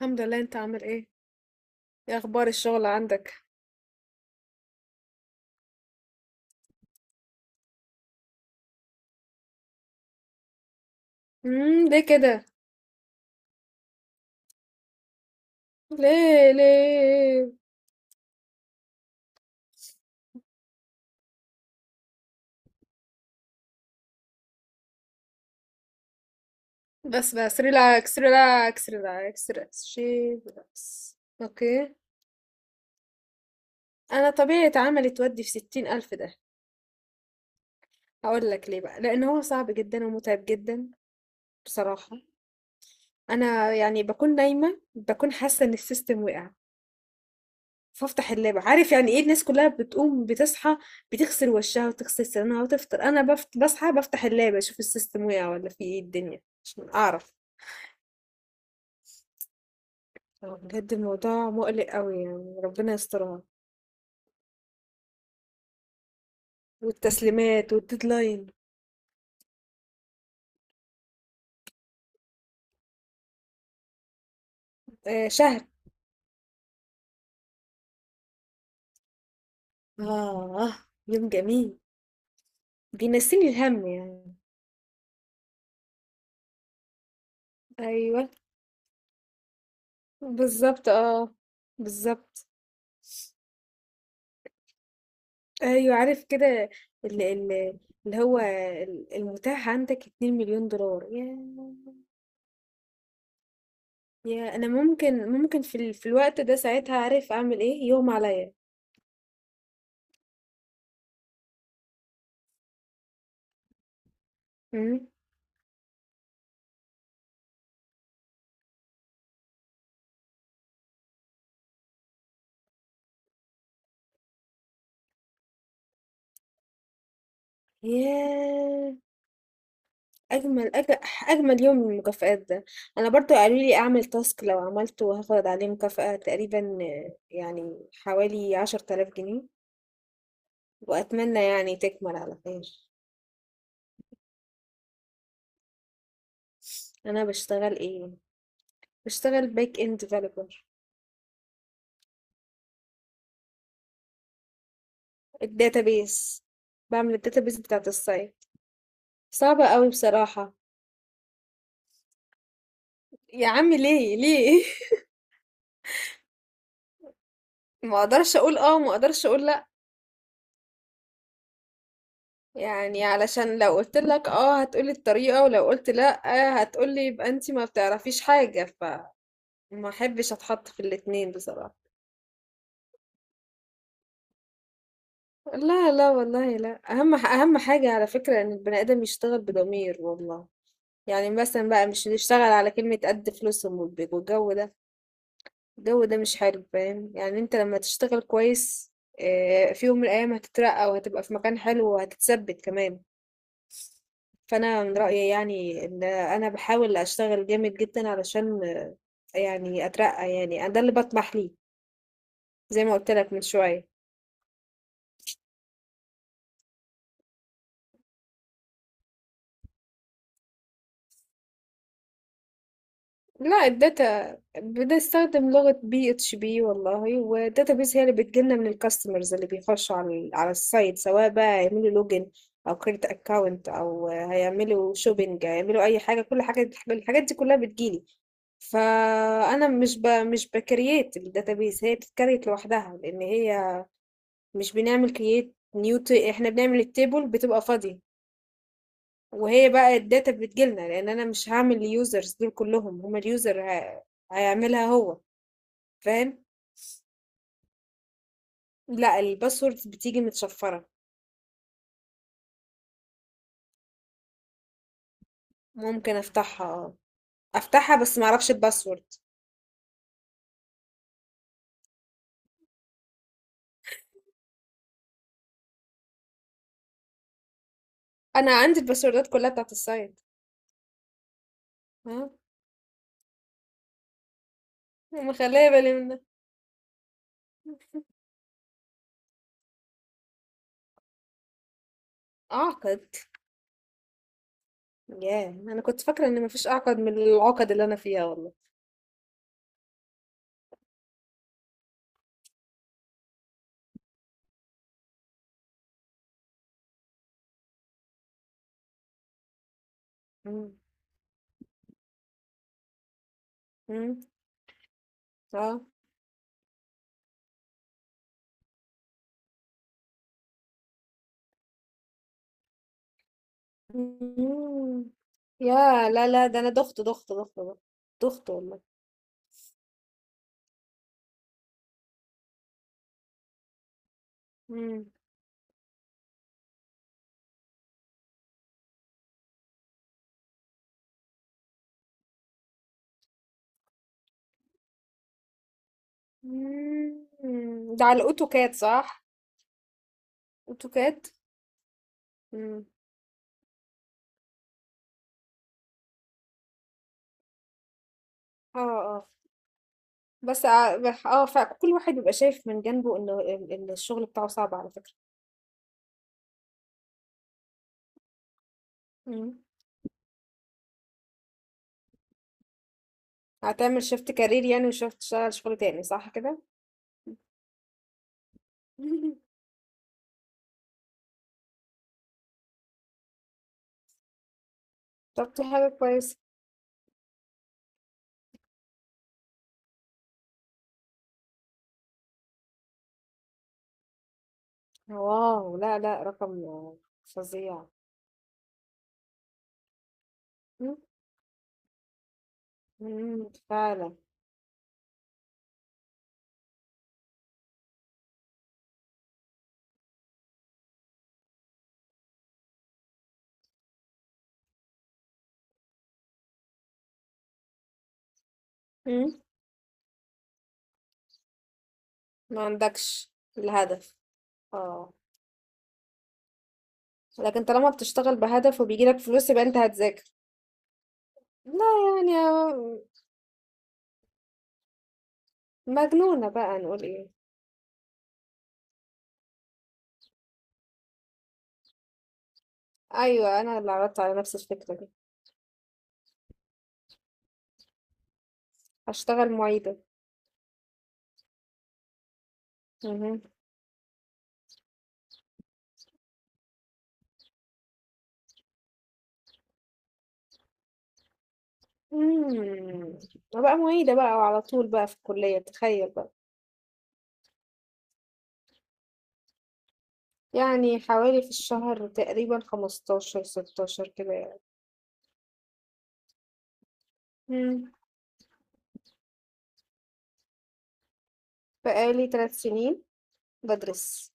الحمد لله، انت عامل ايه؟ ايه اخبار الشغل عندك؟ ليه كده؟ ليه؟ بس بس، ريلاكس ريلاكس ريلاكس ريلاكس، شي ريلاكس. اوكي. انا طبيعة عملي تودي في 60 الف ده. هقول لك ليه بقى، لان هو صعب جدا ومتعب جدا، بصراحة. انا يعني بكون نايمة، بكون حاسة ان السيستم وقع، فافتح اللاب، عارف يعني ايه الناس كلها بتقوم بتصحى بتغسل وشها وتغسل سنانها وتفطر. انا بصحى بفتح اللاب اشوف السيستم وقع ولا في ايه الدنيا عشان اعرف. هو بجد الموضوع مقلق قوي يعني، ربنا يسترها. والتسليمات والديدلاين. آه، شهر. اه، يوم جميل، بينسيني الهم يعني. ايوه، بالظبط، اه، بالظبط. ايوه، عارف كده، اللي, اللي هو المتاح عندك 2 مليون دولار ياه. يا انا ممكن في الوقت ده ساعتها عارف اعمل ايه يوم عليا. امم ياه، اجمل اجمل يوم من المكافآت ده. انا برضو قالوا لي اعمل تاسك، لو عملته هاخد عليه مكافأة تقريبا، آه، يعني حوالي 10 آلاف جنيه، واتمنى يعني تكمل على خير. انا بشتغل ايه؟ بشتغل باك اند ديفلوبر. الداتابيس، بعمل الداتابيس بتاعت السايت. صعبة قوي بصراحة. يا عم ليه ليه ما اقدرش اقول اه، ما اقدرش اقول لا. يعني علشان لو قلت لك اه هتقولي الطريقة، ولو قلت لا هتقولي يبقى انتي ما بتعرفيش حاجة، فما احبش اتحط في الاتنين بصراحة. لا لا والله لا، اهم حاجة على فكرة ان البني ادم يشتغل بضمير، والله. يعني مثلا بقى مش نشتغل على كلمة قد فلوسهم والجو ده. الجو ده مش حلو فاهم يعني. انت لما تشتغل كويس، آه، في يوم من الايام هتترقى وهتبقى في مكان حلو وهتتثبت كمان. فانا من رايي يعني ان انا بحاول اشتغل جامد جدا علشان يعني اترقى، يعني ده اللي بطمح ليه. زي ما قلت لك من شويه. لا، الداتا بنستخدم لغه بي اتش بي والله، والداتا بيز هي اللي بتجيلنا من الكاستمرز اللي بيخشوا على السايت، سواء بقى هيعملوا لوجن او كريت اكاونت او هيعملوا شوبينج، هيعملوا اي حاجه، كل حاجه الحاجات دي كلها بتجيلي. فانا مش بكرييت الداتابيز، هي بتتكريت لوحدها لان هي مش بنعمل كرييت نيو. احنا بنعمل التيبل بتبقى فاضية، وهي بقى الداتا بتجيلنا، لان انا مش هعمل ليوزرز دول كلهم، هما اليوزر هيعملها هو. فاهم. لا، الباسورد بتيجي متشفرة. ممكن افتحها اه، افتحها بس ما اعرفش الباسورد. انا عندي الباسوردات كلها بتاعت السايت. ها. مخليه بالي منها. اعقد. ياه، انا كنت فاكرة ان مفيش اعقد من العقد اللي انا فيها، والله. مم. مم. اه. إمم. ياه! لا، لا، ده أنا دُخت، دُخت، دُخت، دُخت، دُخت والله. إمم. إمم. ده على الأوتوكاد صح؟ أوتوكاد؟ إمم. آه، آه. بس ع بح آه، فكل واحد بيبقى شايف من جنبه إنه ال ال الشغل بتاعه صعب على فكرة. إمم. هتعمل shift career يعني وشوف تشتغل شغل تاني صح كده؟ طب دي حاجة كويسة. واو! لا، لا، رقم فظيع. إمم. إمم، فعلًا. إمم. ما عندكش الهدف. آه. لكن طالما بتشتغل بهدف وبيجيلك فلوس يبقى انت هتذاكر. لا. يعني مجنونة بقى نقول ايه. ايوه انا اللي عرضت على نفس الفكرة دي. هشتغل معيدة. مهم. مم. بقى معيدة بقى وعلى طول بقى في الكلية تخيل بقى. يعني حوالي في الشهر تقريبا 15 16 كده يعني. مم. بقالي 3 سنين بدرس،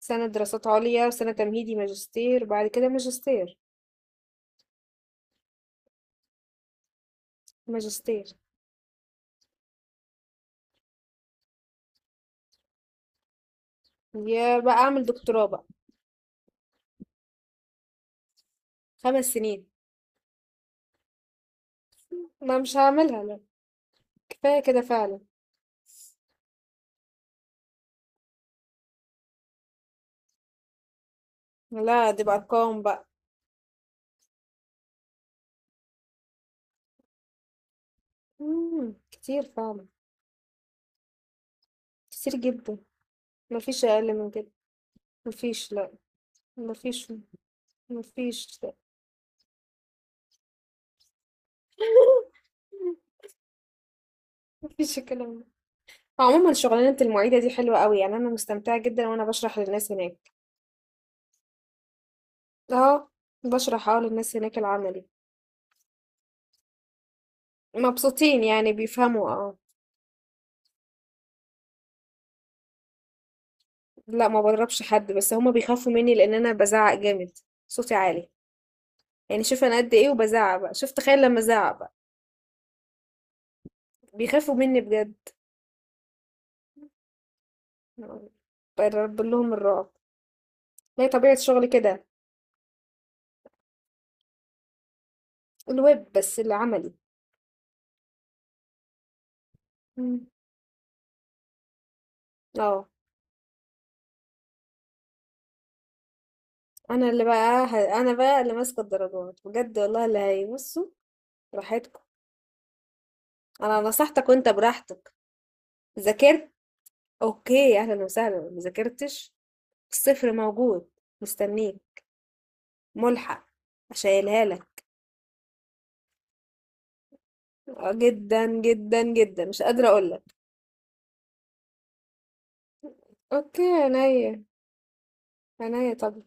سنة دراسات عليا وسنة تمهيدي ماجستير بعد كده ماجستير. ماجستير. يا بقى اعمل دكتوراه بقى. 5 سنين. ما مش هعملها لا. كفاية كده فعلا. لا دي بأرقام بقى. مم. كتير فعلا. كتير جدا. مفيش أقل من كده. مفيش لا. مفيش. مفيش لا. مفيش الكلام ده. عموما شغلانة المعيدة دي حلوة قوي يعني، أنا مستمتعة جدا وأنا بشرح للناس هناك. اه، بشرح اه للناس هناك العملي. مبسوطين يعني، بيفهموا اه. لا ما بضربش حد، بس هما بيخافوا مني لأن أنا بزعق جامد. صوتي عالي. يعني شوف انا قد ايه وبزعق بقى، شوف تخيل لما ازعق بقى. بيخافوا مني بجد. برب لهم الرعب. هي طبيعة شغلي كده. الويب بس اللي عملي. مم. اه. انا بقى اللي ماسكه الدرجات بجد، والله اللي هيبصوا راحتكم. انا نصحتك وانت براحتك. ذاكرت. اوكي اهلا وسهلا. ما ذاكرتش. الصفر موجود. مستنيك. ملحق. هشيلها لك. آه، جدا جدا جدا مش قادره اقول لك. اوكي، عينيا. عينيا طب.